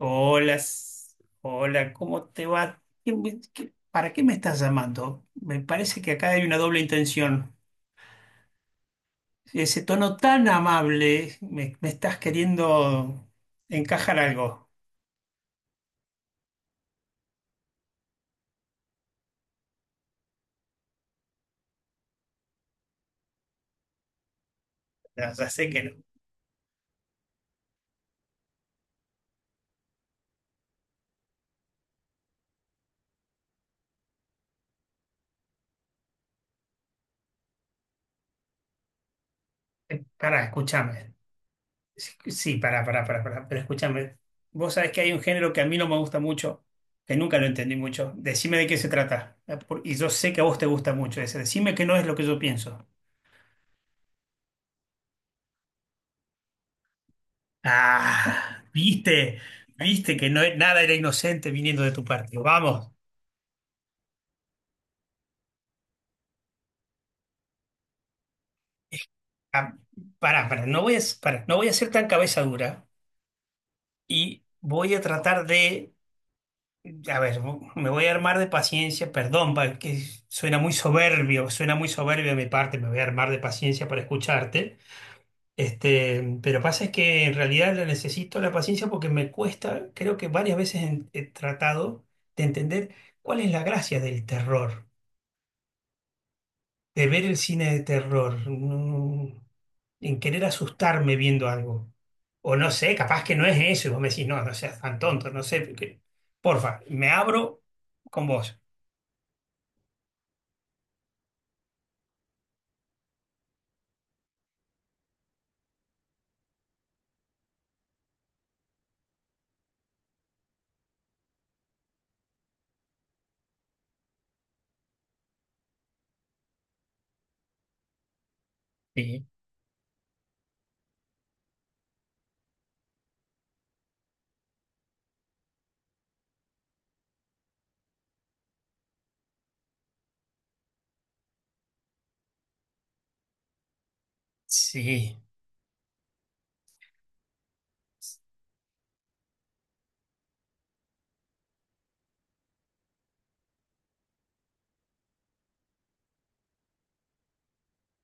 Hola, hola, ¿cómo te va? ¿Para qué me estás llamando? Me parece que acá hay una doble intención. Ese tono tan amable, me estás queriendo encajar algo. Ya sé que no. Pará, escúchame. Sí, sí, pará, pará, pará, pará, pero escúchame. Vos sabés que hay un género que a mí no me gusta mucho, que nunca lo entendí mucho. Decime de qué se trata. Y yo sé que a vos te gusta mucho ese. Decime que no es lo que yo pienso. Ah, viste, viste que no, nada era inocente viniendo de tu partido. Vamos, ah, pará, pará, pará, no voy a ser tan cabeza dura y voy a tratar de, a ver, me voy a armar de paciencia, perdón, que suena muy soberbio de mi parte, me voy a armar de paciencia para escucharte. Este, pero pasa es que en realidad la necesito la paciencia porque me cuesta, creo que varias veces he tratado de entender cuál es la gracia del terror. De ver el cine de terror, en querer asustarme viendo algo. O no sé, capaz que no es eso, y vos me decís, no, no seas tan tonto, no sé. Porfa, me abro con vos. Sí. Sí,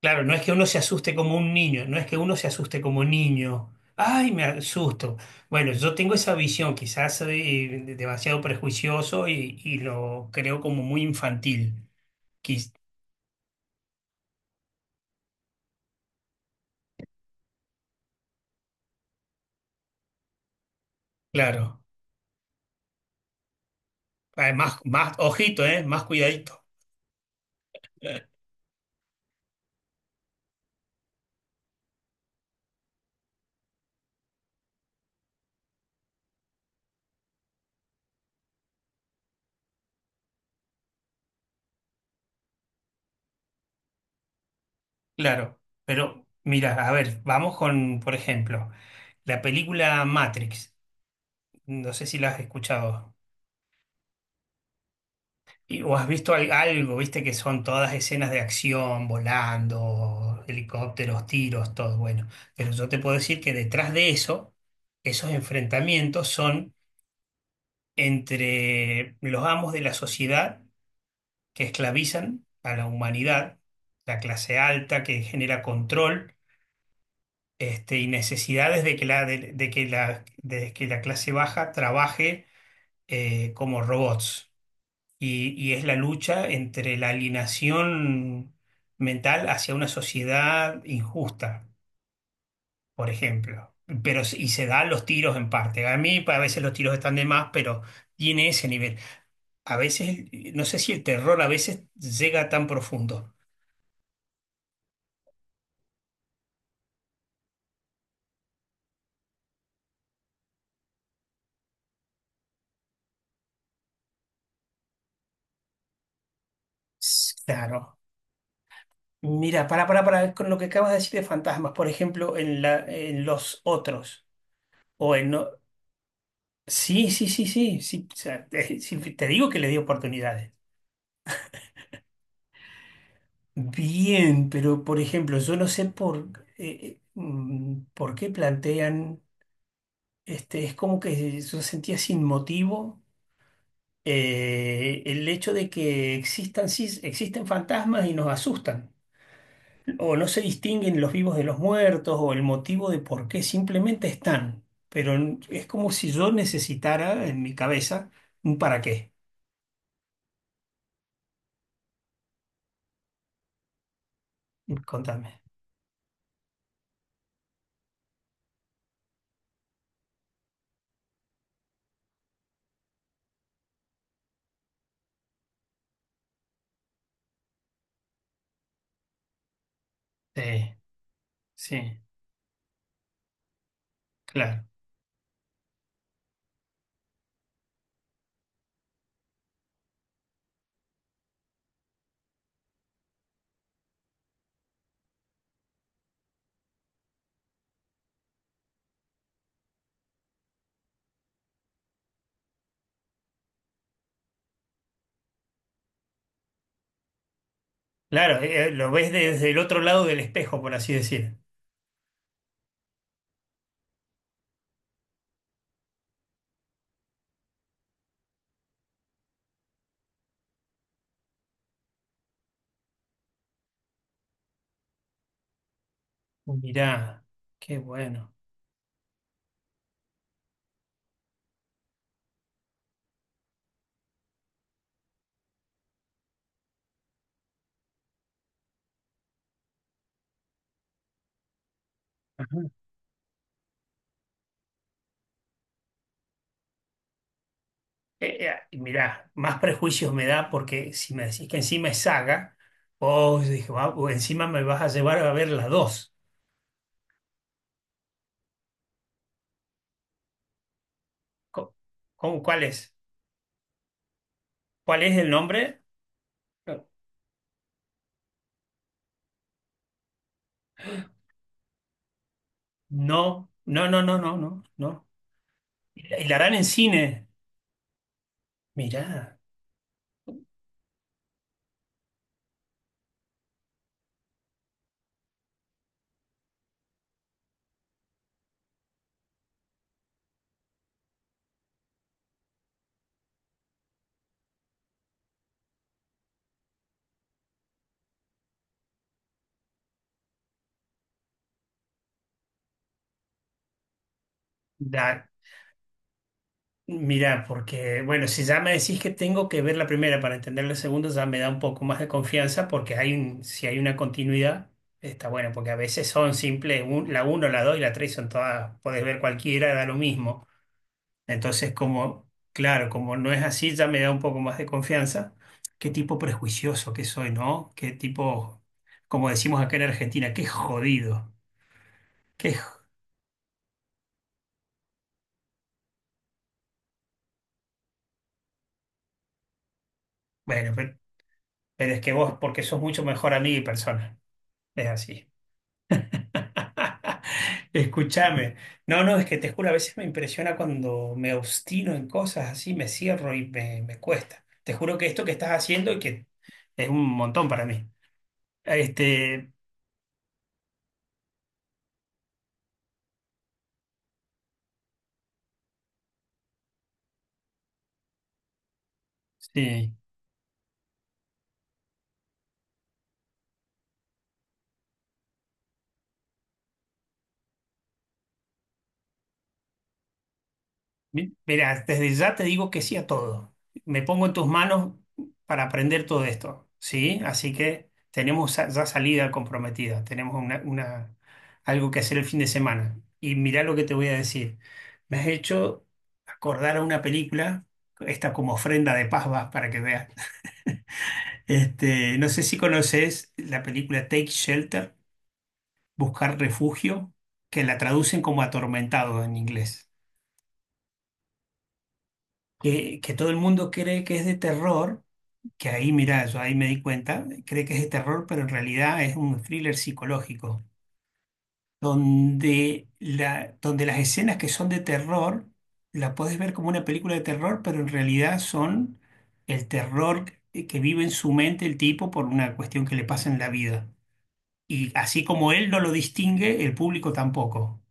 claro, no es que uno se asuste como un niño, no es que uno se asuste como niño. Ay, me asusto. Bueno, yo tengo esa visión, quizás soy demasiado prejuicioso y lo creo como muy infantil. Quiz- claro. Además, más, ojito, ¿eh? Más cuidadito. Claro, pero mira, a ver, vamos con, por ejemplo, la película Matrix. No sé si la has escuchado o has visto algo, viste que son todas escenas de acción, volando, helicópteros, tiros, todo bueno. Pero yo te puedo decir que detrás de eso, esos enfrentamientos son entre los amos de la sociedad que esclavizan a la humanidad, la clase alta que genera control este, y necesidades de que la clase baja trabaje como robots. Y es la lucha entre la alienación mental hacia una sociedad injusta, por ejemplo. Pero, y se dan los tiros en parte. A mí a veces los tiros están de más, pero tiene ese nivel. A veces, no sé si el terror a veces llega tan profundo. Claro. Mira, para, con lo que acabas de decir de fantasmas, por ejemplo, en los otros, o en... Sí, sí, sí, sí, sí, o sea, sí, te digo que le di oportunidades. Bien, pero por ejemplo, yo no sé por, por qué plantean, este, es como que yo sentía sin motivo el hecho de que existan, sí, existen fantasmas y nos asustan. O no se distinguen los vivos de los muertos o el motivo de por qué, simplemente están. Pero es como si yo necesitara en mi cabeza un para qué. Contame. Sí, sí, claro. Claro, lo ves desde el otro lado del espejo, por así decir. Mirá, qué bueno. Ajá. Y mirá, más prejuicios me da porque si me decís que encima es saga, vos dije, "Ah, o encima me vas a llevar a ver las dos. Co- ¿Cómo, cuál es? ¿Cuál es el nombre? No, no, no, no, no, no, no. Y la harán en cine? Mirá, da, mirá, porque, bueno, si ya me decís que tengo que ver la primera para entender la segunda, ya me da un poco más de confianza porque hay un, si hay una continuidad, está bueno, porque a veces son simples, la uno, la dos y la tres son todas, podés ver cualquiera, da lo mismo. Entonces, como, claro, como no es así, ya me da un poco más de confianza. Qué tipo prejuicioso que soy, ¿no? Qué tipo, como decimos acá en Argentina, qué jodido. Qué jo- Bueno, pero es que vos, porque sos mucho mejor amigo y persona. Es así. Escúchame. No, no, es que te juro, a veces me impresiona cuando me obstino en cosas así, me cierro me cuesta. Te juro que esto que estás haciendo y que es un montón para mí. Este, sí. Mira, desde ya te digo que sí a todo. Me pongo en tus manos para aprender todo esto, ¿sí? Así que tenemos ya salida comprometida, tenemos algo que hacer el fin de semana. Y mirá lo que te voy a decir. Me has hecho acordar a una película, esta como ofrenda de paz vas para que veas. Este, no sé si conoces la película Take Shelter, Buscar Refugio, que la traducen como Atormentado en inglés. Que todo el mundo cree que es de terror, que ahí, mira, yo ahí me di cuenta, cree que es de terror, pero en realidad es un thriller psicológico, donde las escenas que son de terror, la puedes ver como una película de terror, pero en realidad son el terror que vive en su mente el tipo por una cuestión que le pasa en la vida. Y así como él no lo distingue, el público tampoco.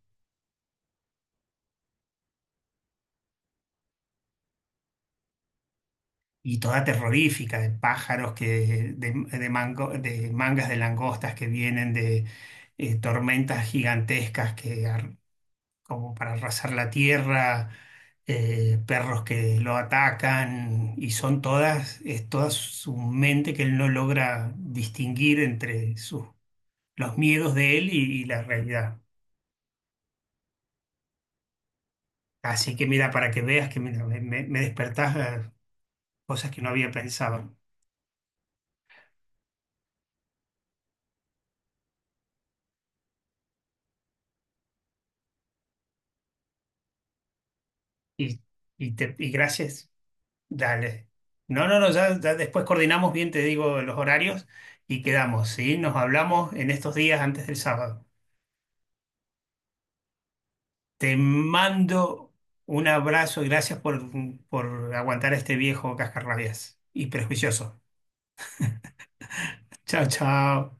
Y toda terrorífica, de pájaros, que, de mango- de mangas de langostas que vienen de tormentas gigantescas como para arrasar la tierra, perros que lo atacan, y son todas, es toda su mente que él no logra distinguir entre sus, los miedos de él y la realidad. Así que mira, para que veas que mira, me despertás cosas que no había pensado. Y, y gracias, dale. No, no, no, ya, ya después coordinamos bien, te digo los horarios y quedamos, ¿sí? Nos hablamos en estos días antes del sábado. Te mando un abrazo y gracias por aguantar a este viejo cascarrabias y prejuicioso. Chao, chao.